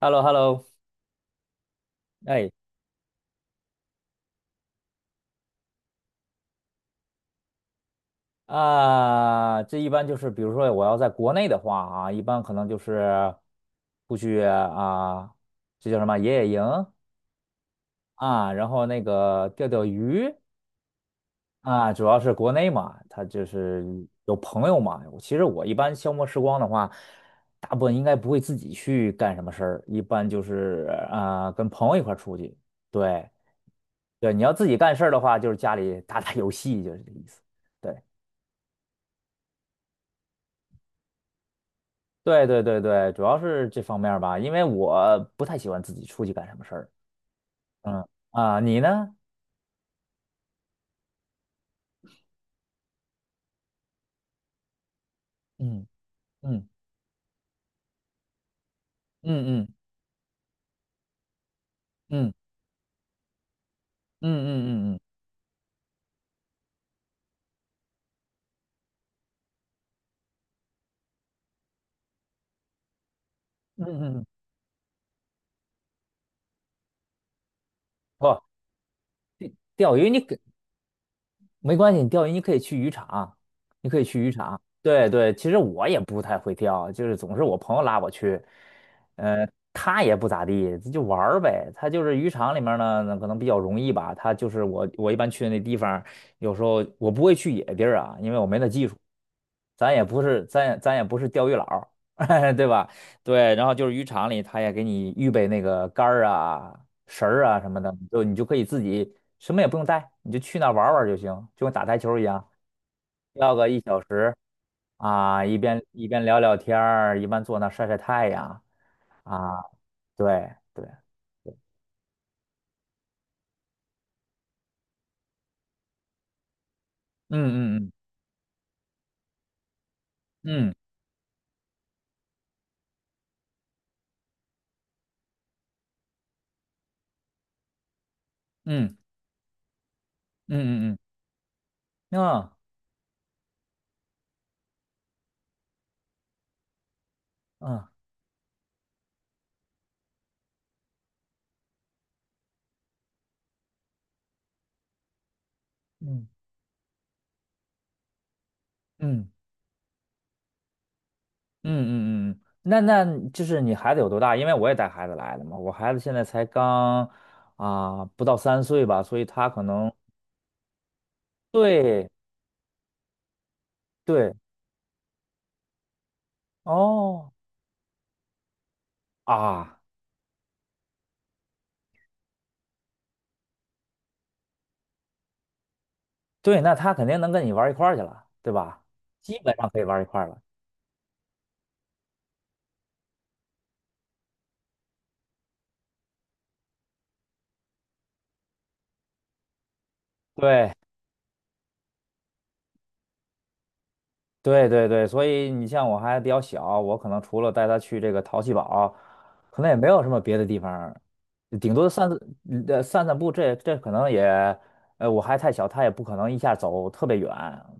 h e l l o h e l l o 哎这一般就是，比如说我要在国内的话啊，一般可能就是出去啊，这叫什么野营啊，然后那个钓钓鱼啊，主要是国内嘛，他就是有朋友嘛。其实我一般消磨时光的话，大部分应该不会自己去干什么事儿，一般就是啊跟朋友一块儿出去。对对，你要自己干事儿的话，就是家里打打游戏，就是这个意思。对。对对对对，主要是这方面儿吧，因为我不太喜欢自己出去干什么事儿。嗯啊，你呢？嗯嗯嗯嗯嗯嗯嗯嗯嗯嗯嗯嗯，不，钓鱼你给没关系，你钓鱼你可以去渔场，你可以去渔场。对对，其实我也不太会钓，就是总是我朋友拉我去，呃，他也不咋地，就玩儿呗。他就是渔场里面呢，那可能比较容易吧。他就是我一般去的那地方，有时候我不会去野地儿啊，因为我没那技术。咱也不是，咱也不是钓鱼佬儿 对吧？对，然后就是渔场里，他也给你预备那个竿儿啊、绳儿啊什么的，就你就可以自己。什么也不用带，你就去那儿玩儿玩儿就行，就跟打台球儿一样，要个一小时啊，一边聊聊天儿，一边坐那儿晒晒太阳啊，对对，嗯嗯嗯嗯嗯嗯嗯嗯嗯嗯嗯嗯嗯嗯，嗯嗯那就是你孩子有多大？因为我也带孩子来的嘛，我孩子现在才刚不到3岁吧，所以他可能对对哦。啊，对，那他肯定能跟你玩儿一块儿去了，对吧？基本上可以玩儿一块儿了。对，对，对，对，所以你像我还比较小，我可能除了带他去这个淘气堡，可能也没有什么别的地方顶多散散步，这可能也，我还太小，他也不可能一下走特别远，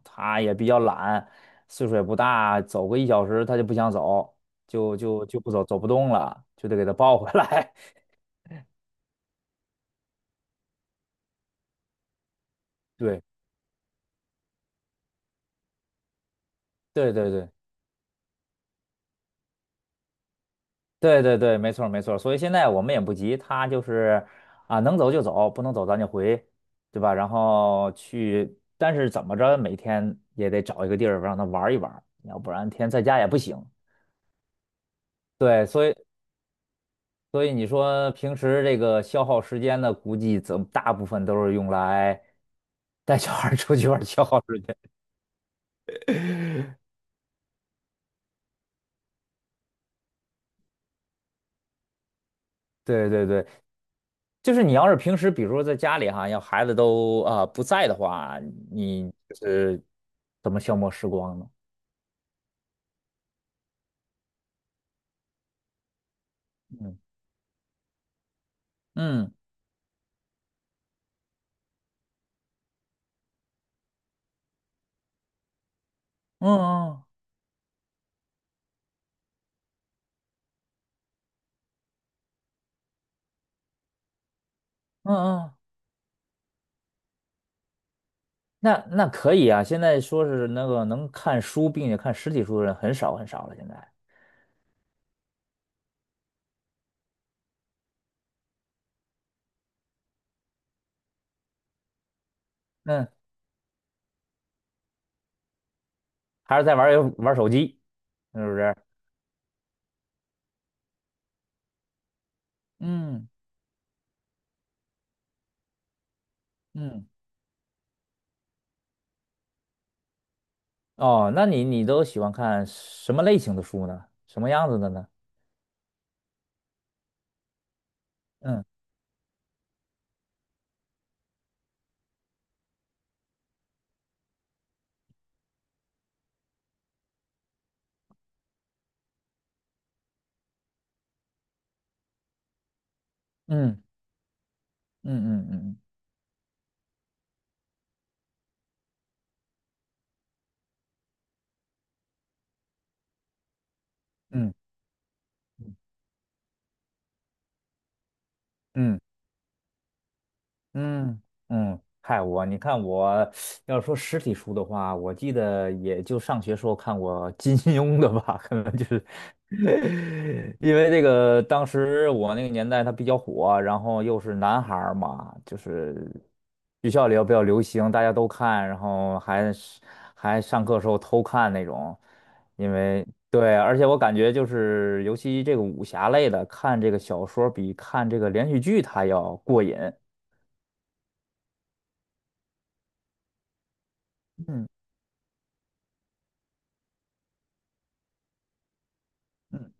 他也比较懒，岁数也不大，走个一小时他就不想走，就不走，走不动了，就得给他抱回来。对，对，对，对。对对对，没错儿没错儿所以现在我们也不急，他就是啊，能走就走，不能走咱就回，对吧？然后去，但是怎么着，每天也得找一个地儿让他玩儿一玩儿要不然天天在家也不行。对，所以你说平时这个消耗时间的，估计怎大部分都是用来带小孩儿出去玩儿消耗时间。对对对，就是你要是平时，比如说在家里哈，要孩子都不在的话，你就是怎么消磨时光呢？嗯嗯嗯嗯嗯嗯，那可以啊。现在说是那个能看书并且看实体书的人很少很少了，现在，嗯，还是在玩儿手机，是不是？嗯嗯，哦，那你都喜欢看什么类型的书呢？什么样子的呢？嗯嗯嗯嗯嗯嗯嗯。嗯嗯嗯，嗨，我你看我要说实体书的话，我记得也就上学时候看过金庸的吧，可能就是 因为这个当时我那个年代它比较火，然后又是男孩儿嘛，就是学校里要比较流行，大家都看，然后还上课时候偷看那种，因为对，而且我感觉就是尤其这个武侠类的，看这个小说比看这个连续剧它要过瘾。嗯。嗯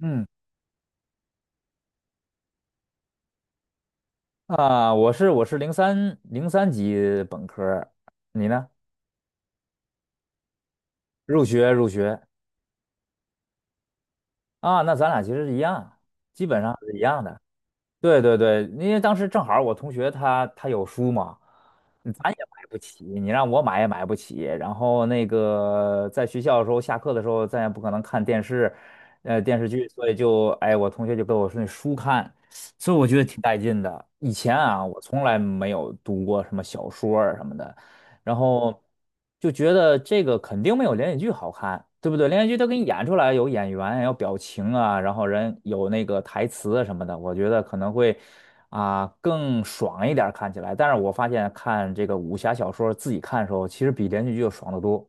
嗯啊，我是零三级本科儿你呢？入学入学啊，那咱俩其实是一样，基本上是一样的。对对对，因为当时正好儿我同学他有书嘛，咱也买不起，你让我买也买不起。然后那个在学校的时候，下课的时候咱也不可能看电视，电视剧，所以就哎我同学就给我说那书看，所以我觉得挺带劲的。以前啊，我从来没有读过什么小说啊什么的。然后就觉得这个肯定没有连续剧好看，对不对？连续剧它给你演出来有演员，有表情啊，然后人有那个台词啊什么的，我觉得可能会更爽一点儿看起来。但是我发现看这个武侠小说自己看的时候，其实比连续剧要爽得多，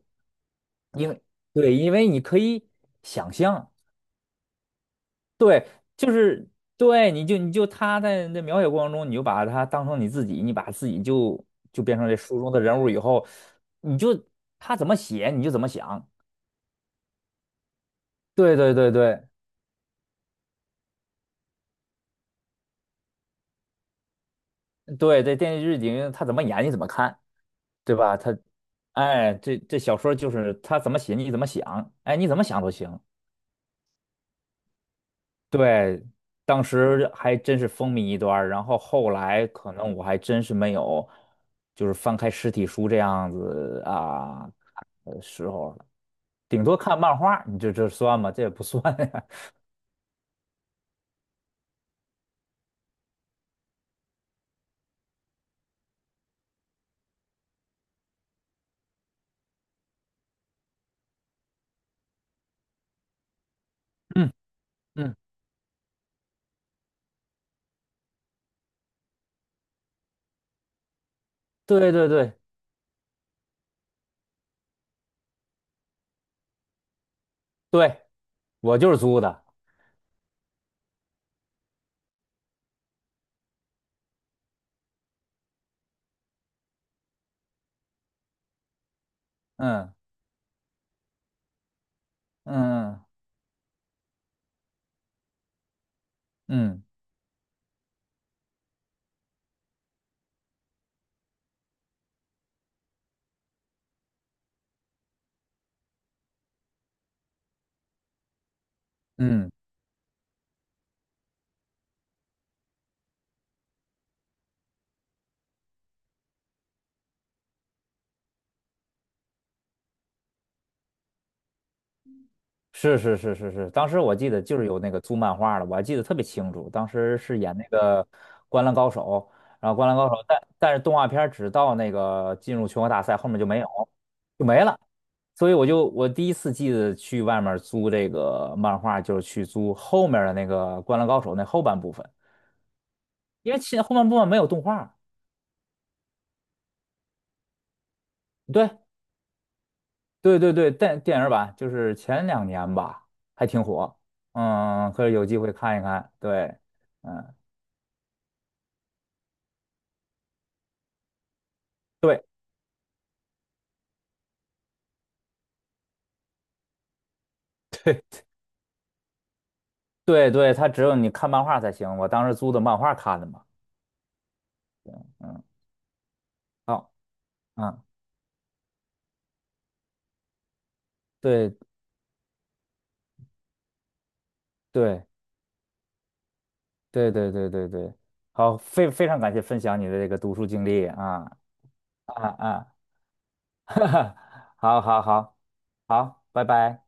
因为对，因为你可以想象。对，就是对，你就他在那描写过程中，你就把他当成你自己，你把自己就变成这书中的人物以后，你就他怎么写你就怎么想。对对对对对，这电视剧里面他怎么演你怎么看，对吧？他，哎，这小说就是他怎么写你怎么想，哎，你怎么想都行。对，当时还真是风靡一段儿然后后来可能我还真是没有，就是翻开实体书这样子啊，的时候了，顶多看漫画，你这算吗？这也不算呀。嗯嗯，对对对对，我就是租的。嗯嗯嗯嗯，是是是是是，当时我记得就是有那个租漫画的，我还记得特别清楚。当时是演那个《灌篮高手》，然后《灌篮高手》，但是动画片儿只到那个进入全国大赛，后面就没有，就没了。所以我就我第一次记得去外面租这个漫画，就是去租后面的那个《灌篮高手》那后半部分。因为前后半部分没有动画。对对对对，电影版就是前2年吧，还挺火。嗯，可以有机会看一看。对，嗯，对对对，它只有你看漫画才行。我当时租的漫画看的嘛。嗯，好，嗯，对对对对对对对，好，非常感谢分享你的这个读书经历啊啊啊，哈哈，好好好好，拜拜。